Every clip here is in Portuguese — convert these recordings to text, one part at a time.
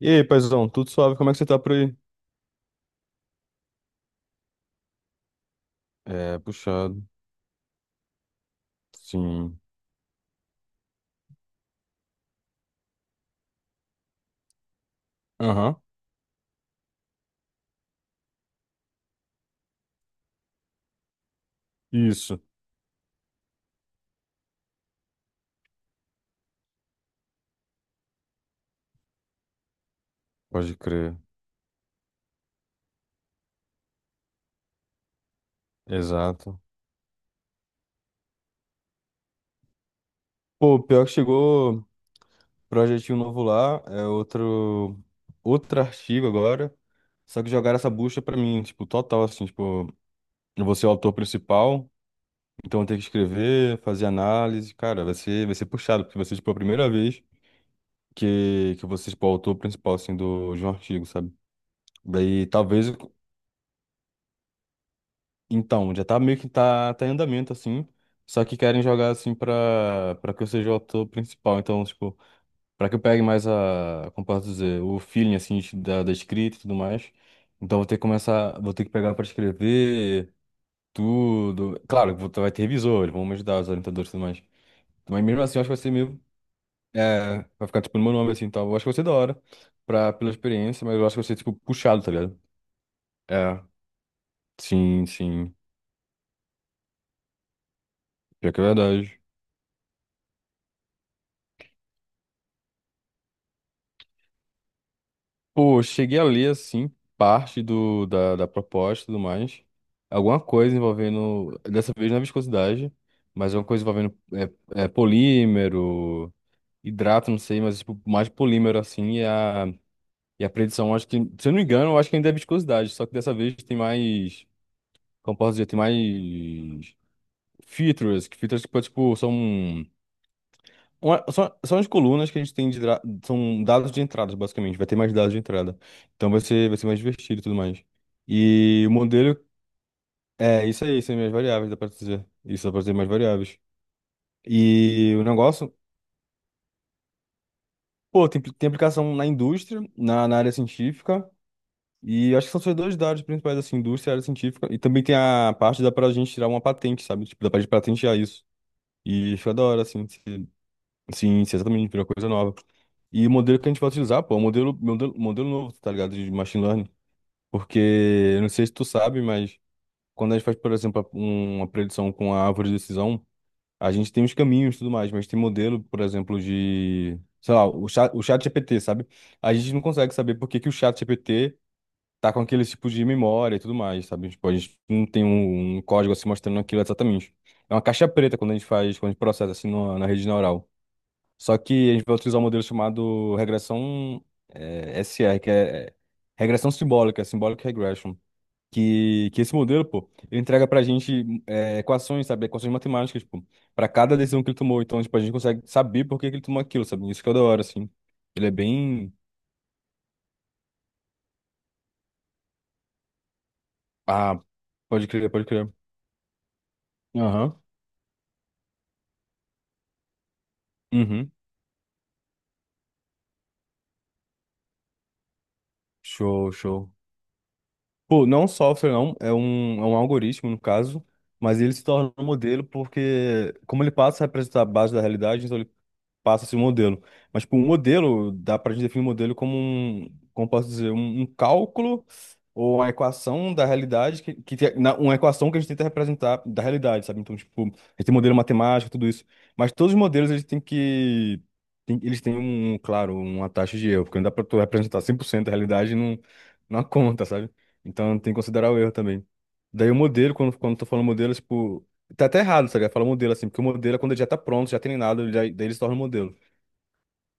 E aí, paizão, tudo suave? Como é que você tá por aí? É, puxado. Sim. Aham. Isso. Pode crer. Exato. Pô, pior que chegou projetinho novo lá, é outro artigo agora. Só que jogaram essa bucha pra mim, tipo, total assim, tipo, eu vou ser o autor principal, então eu tenho que escrever, fazer análise, cara, vai ser puxado, porque vai ser tipo a primeira vez que eu vou ser tipo o autor principal assim do de um artigo, sabe? Daí talvez. Então, já tá meio que tá em andamento, assim. Só que querem jogar, assim, pra que eu seja o ator principal. Então, tipo, pra que eu pegue mais a, como posso dizer, o feeling, assim, da escrita e tudo mais. Então, vou ter que começar, vou ter que pegar pra escrever tudo. Claro, vai ter revisor, eles vão me ajudar, os orientadores e tudo mais. Mas mesmo assim, eu acho que vai ser meio, é, vai ficar, tipo, no meu nome, assim, então, eu acho que vai ser da hora, pela experiência, mas eu acho que vai ser, tipo, puxado, tá ligado? É, sim, sim. Pior que é verdade. Pô, eu cheguei a ler, assim, parte da proposta e tudo mais. Alguma coisa envolvendo, dessa vez não é viscosidade, mas alguma coisa envolvendo é, polímero, hidrato, não sei, mas tipo, mais polímero, assim, e a predição, acho que, se eu não me engano, eu acho que ainda é viscosidade, só que dessa vez tem mais, como posso dizer, tem mais features que, tipo, são são as colunas que a gente tem são dados de entradas, basicamente. Vai ter mais dados de entrada. Então vai ser mais divertido e tudo mais. E o modelo é isso aí, são minhas variáveis, dá pra dizer. Isso dá pra dizer mais variáveis. E o negócio, pô, tem aplicação na indústria, na área científica. E acho que são só dois dados principais, assim, indústria e área científica. E também tem a parte da pra gente tirar uma patente, sabe? Tipo, dá pra gente patentear isso. E fica da hora, assim, se, sim, se exatamente virar coisa nova. E o modelo que a gente vai utilizar, pô, é um modelo novo, tá ligado? De machine learning. Porque, eu não sei se tu sabe, mas quando a gente faz, por exemplo, uma predição com a árvore de decisão, a gente tem os caminhos e tudo mais, mas tem modelo, por exemplo, de, sei lá, o chat GPT, sabe? A gente não consegue saber por que que o chat GPT tá com aquele tipo de memória e tudo mais, sabe? Tipo, a gente não tem um código assim mostrando aquilo exatamente. É uma caixa preta quando a gente faz, quando a gente processa assim na rede neural. Só que a gente vai utilizar um modelo chamado regressão SR, que é, regressão simbólica, symbolic regression. Que esse modelo, pô, ele entrega pra gente equações, sabe? Equações matemáticas, pô, pra cada decisão que ele tomou. Então, tipo, a gente consegue saber por que que ele tomou aquilo, sabe? Isso que é da hora, assim. Ele é bem. Ah, pode crer, pode crer. Aham. Uhum. Show, show. Pô, não é um software, não. É um algoritmo, no caso. Mas ele se torna um modelo porque, como ele passa a representar a base da realidade, então ele passa-se o modelo. Mas, tipo, o modelo, dá pra gente definir o modelo como um, como posso dizer, um cálculo ou uma equação da realidade, uma equação que a gente tenta representar da realidade, sabe? Então, tipo, a gente tem modelo matemático, tudo isso. Mas todos os modelos, eles têm, claro, uma taxa de erro, porque não dá pra tu representar 100% a realidade numa conta, sabe? Então, tem que considerar o erro também. Daí o modelo, quando eu tô falando modelo, é, tipo, tá até errado, sabe? Fala modelo assim, porque o modelo é quando ele já tá pronto, já treinado, daí ele se torna um modelo.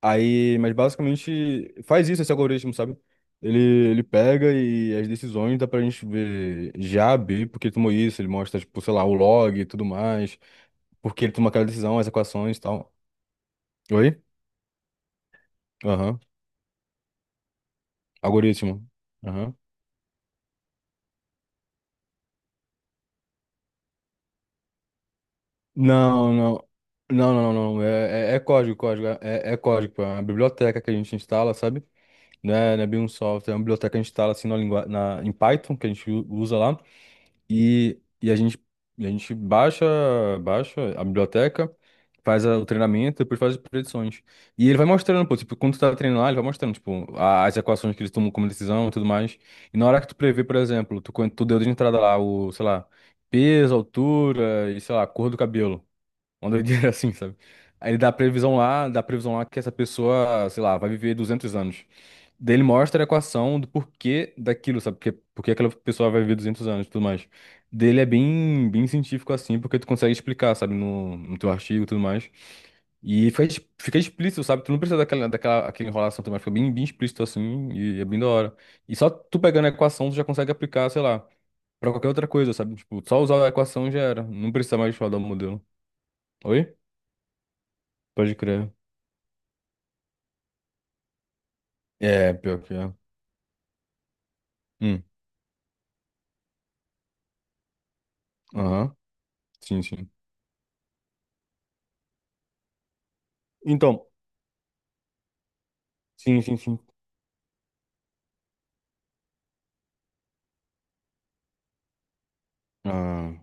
Aí, mas basicamente faz isso esse algoritmo, sabe? Ele pega e as decisões dá pra gente ver já B, porque ele tomou isso, ele mostra, tipo, sei lá, o log e tudo mais, porque ele tomou aquela decisão, as equações e tal. Oi? Aham. Algoritmo. Aham. Não, não. Não, não, não. É código, código. É código, pô. É uma biblioteca que a gente instala, sabe? Não é bem um software, é uma biblioteca que a gente instala assim na língua, em Python, que a gente usa lá, e, e a gente baixa a biblioteca, faz o treinamento, depois faz as predições. E ele vai mostrando, pô, tipo, quando tu tá treinando lá, ele vai mostrando, tipo, as equações que eles tomam como decisão e tudo mais. E na hora que tu prevê, por exemplo, tu deu de entrada lá o, sei lá, peso, altura e, sei lá, cor do cabelo. Uma doideira assim, sabe? Aí ele dá a previsão lá que essa pessoa, sei lá, vai viver 200 anos. Daí ele mostra a equação do porquê daquilo, sabe? Porque aquela pessoa vai viver 200 anos e tudo mais. Dele é bem, bem científico assim, porque tu consegue explicar, sabe? No teu artigo e tudo mais. E fica explícito, sabe? Tu não precisa daquela, daquela aquela enrolação também, fica bem, bem explícito assim, e é bem da hora. E só tu pegando a equação, tu já consegue aplicar, sei lá, pra qualquer outra coisa, sabe? Tipo, só usar a equação já era. Não precisa mais falar do modelo. Oi? Pode crer. É, pior que é. Hum, aham. Sim, sim. Então, sim, sim, sim. Ah,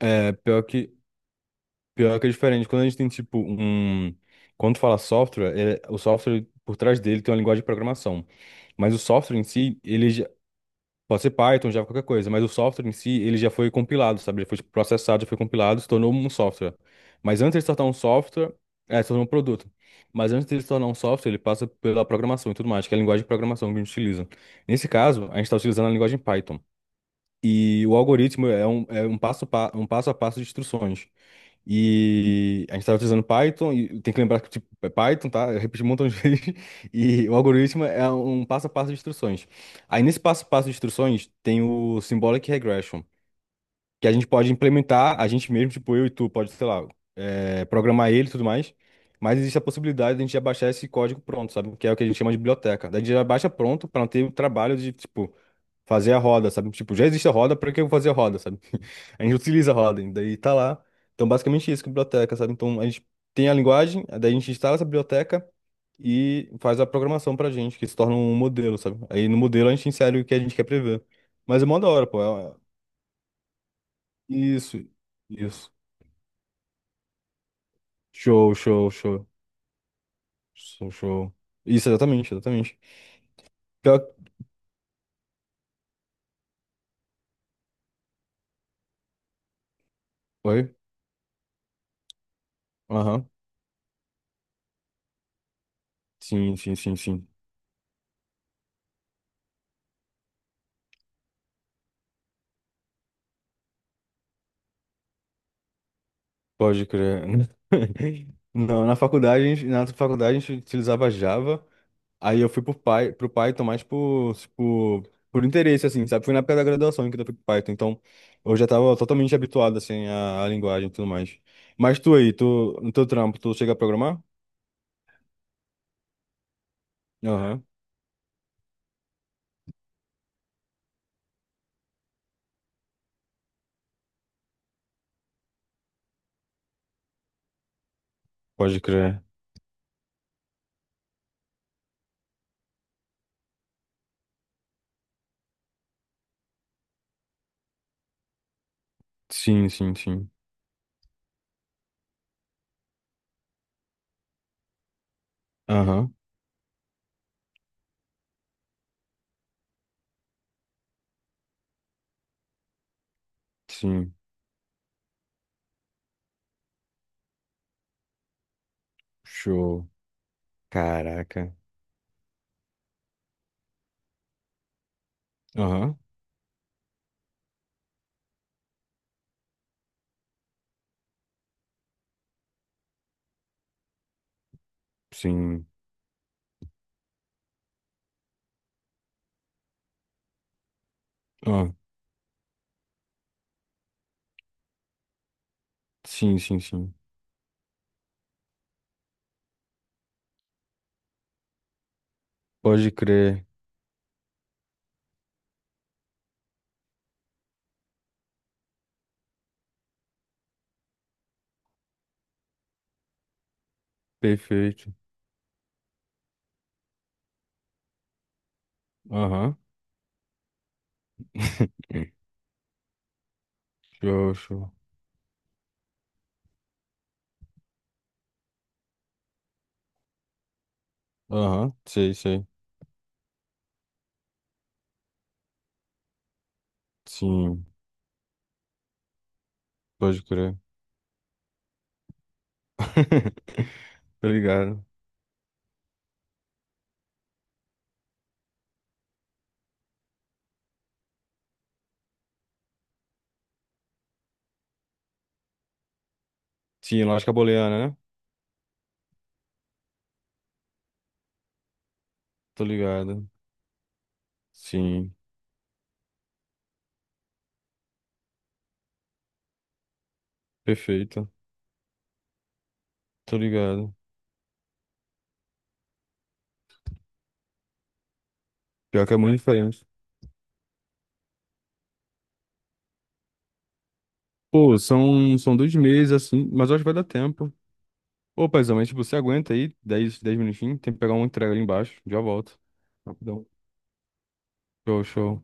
é, pior que é diferente. Quando a gente tem, tipo, um... Quando fala software, o software, por trás dele, tem uma linguagem de programação. Mas o software em si, pode ser Python, Java, qualquer coisa, mas o software em si, ele já foi compilado, sabe? Ele foi tipo, processado, já foi compilado, se tornou um software. Mas antes de se tornar um software, se tornou um produto. Mas antes de se tornar um software, ele passa pela programação e tudo mais, que é a linguagem de programação que a gente utiliza. Nesse caso, a gente está utilizando a linguagem Python. E o algoritmo é um passo a passo de instruções. E a gente estava utilizando Python, e tem que lembrar que tipo, é Python, tá? Eu repeti um montão de vezes. E o algoritmo é um passo a passo de instruções. Aí nesse passo a passo de instruções tem o Symbolic Regression, que a gente pode implementar, a gente mesmo, tipo eu e tu, pode, sei lá, programar ele e tudo mais. Mas existe a possibilidade de a gente já baixar esse código pronto, sabe? Que é o que a gente chama de biblioteca. Daí a gente já baixa pronto para não ter o trabalho de, tipo, fazer a roda, sabe? Tipo, já existe a roda, pra que eu vou fazer a roda, sabe? A gente utiliza a roda, e daí tá lá. Então, basicamente isso, que é biblioteca, sabe? Então, a gente tem a linguagem, daí a gente instala essa biblioteca e faz a programação pra gente, que se torna um modelo, sabe? Aí no modelo a gente insere o que a gente quer prever. Mas é mó da hora, pô. Isso, isso. Show, show, show. Show, show. Isso, exatamente, exatamente. Pior- Oi? Aham. Sim, sim, sim, sim. Pode crer. Não, na faculdade, a gente utilizava Java, aí eu fui pro Python mais por, tipo, por interesse, assim, sabe? Foi na época da graduação que eu fui pro Python, então eu já tava totalmente habituado, assim, à linguagem e tudo mais. Mas tu aí, tu, no teu trampo, tu chega a programar? Aham. Pode crer. Sim, sim, sim. Aham. Sim. Show. Caraca. Aham. Sim. Ah, sim, sim, sim. Pode crer. Perfeito. Aham. Show, show. Aham, sei, sei. Sim, pode crer. Tô ligado. Sim, lógica booleana, né? Tô ligado. Sim, perfeito. Tô ligado. Pior que é muito diferente. Pô, são 2 meses, assim, mas eu acho que vai dar tempo. Ô, paizão, mas tipo, você aguenta aí dez minutinhos, tem que pegar uma entrega ali embaixo, já volto. Rapidão. Show, show.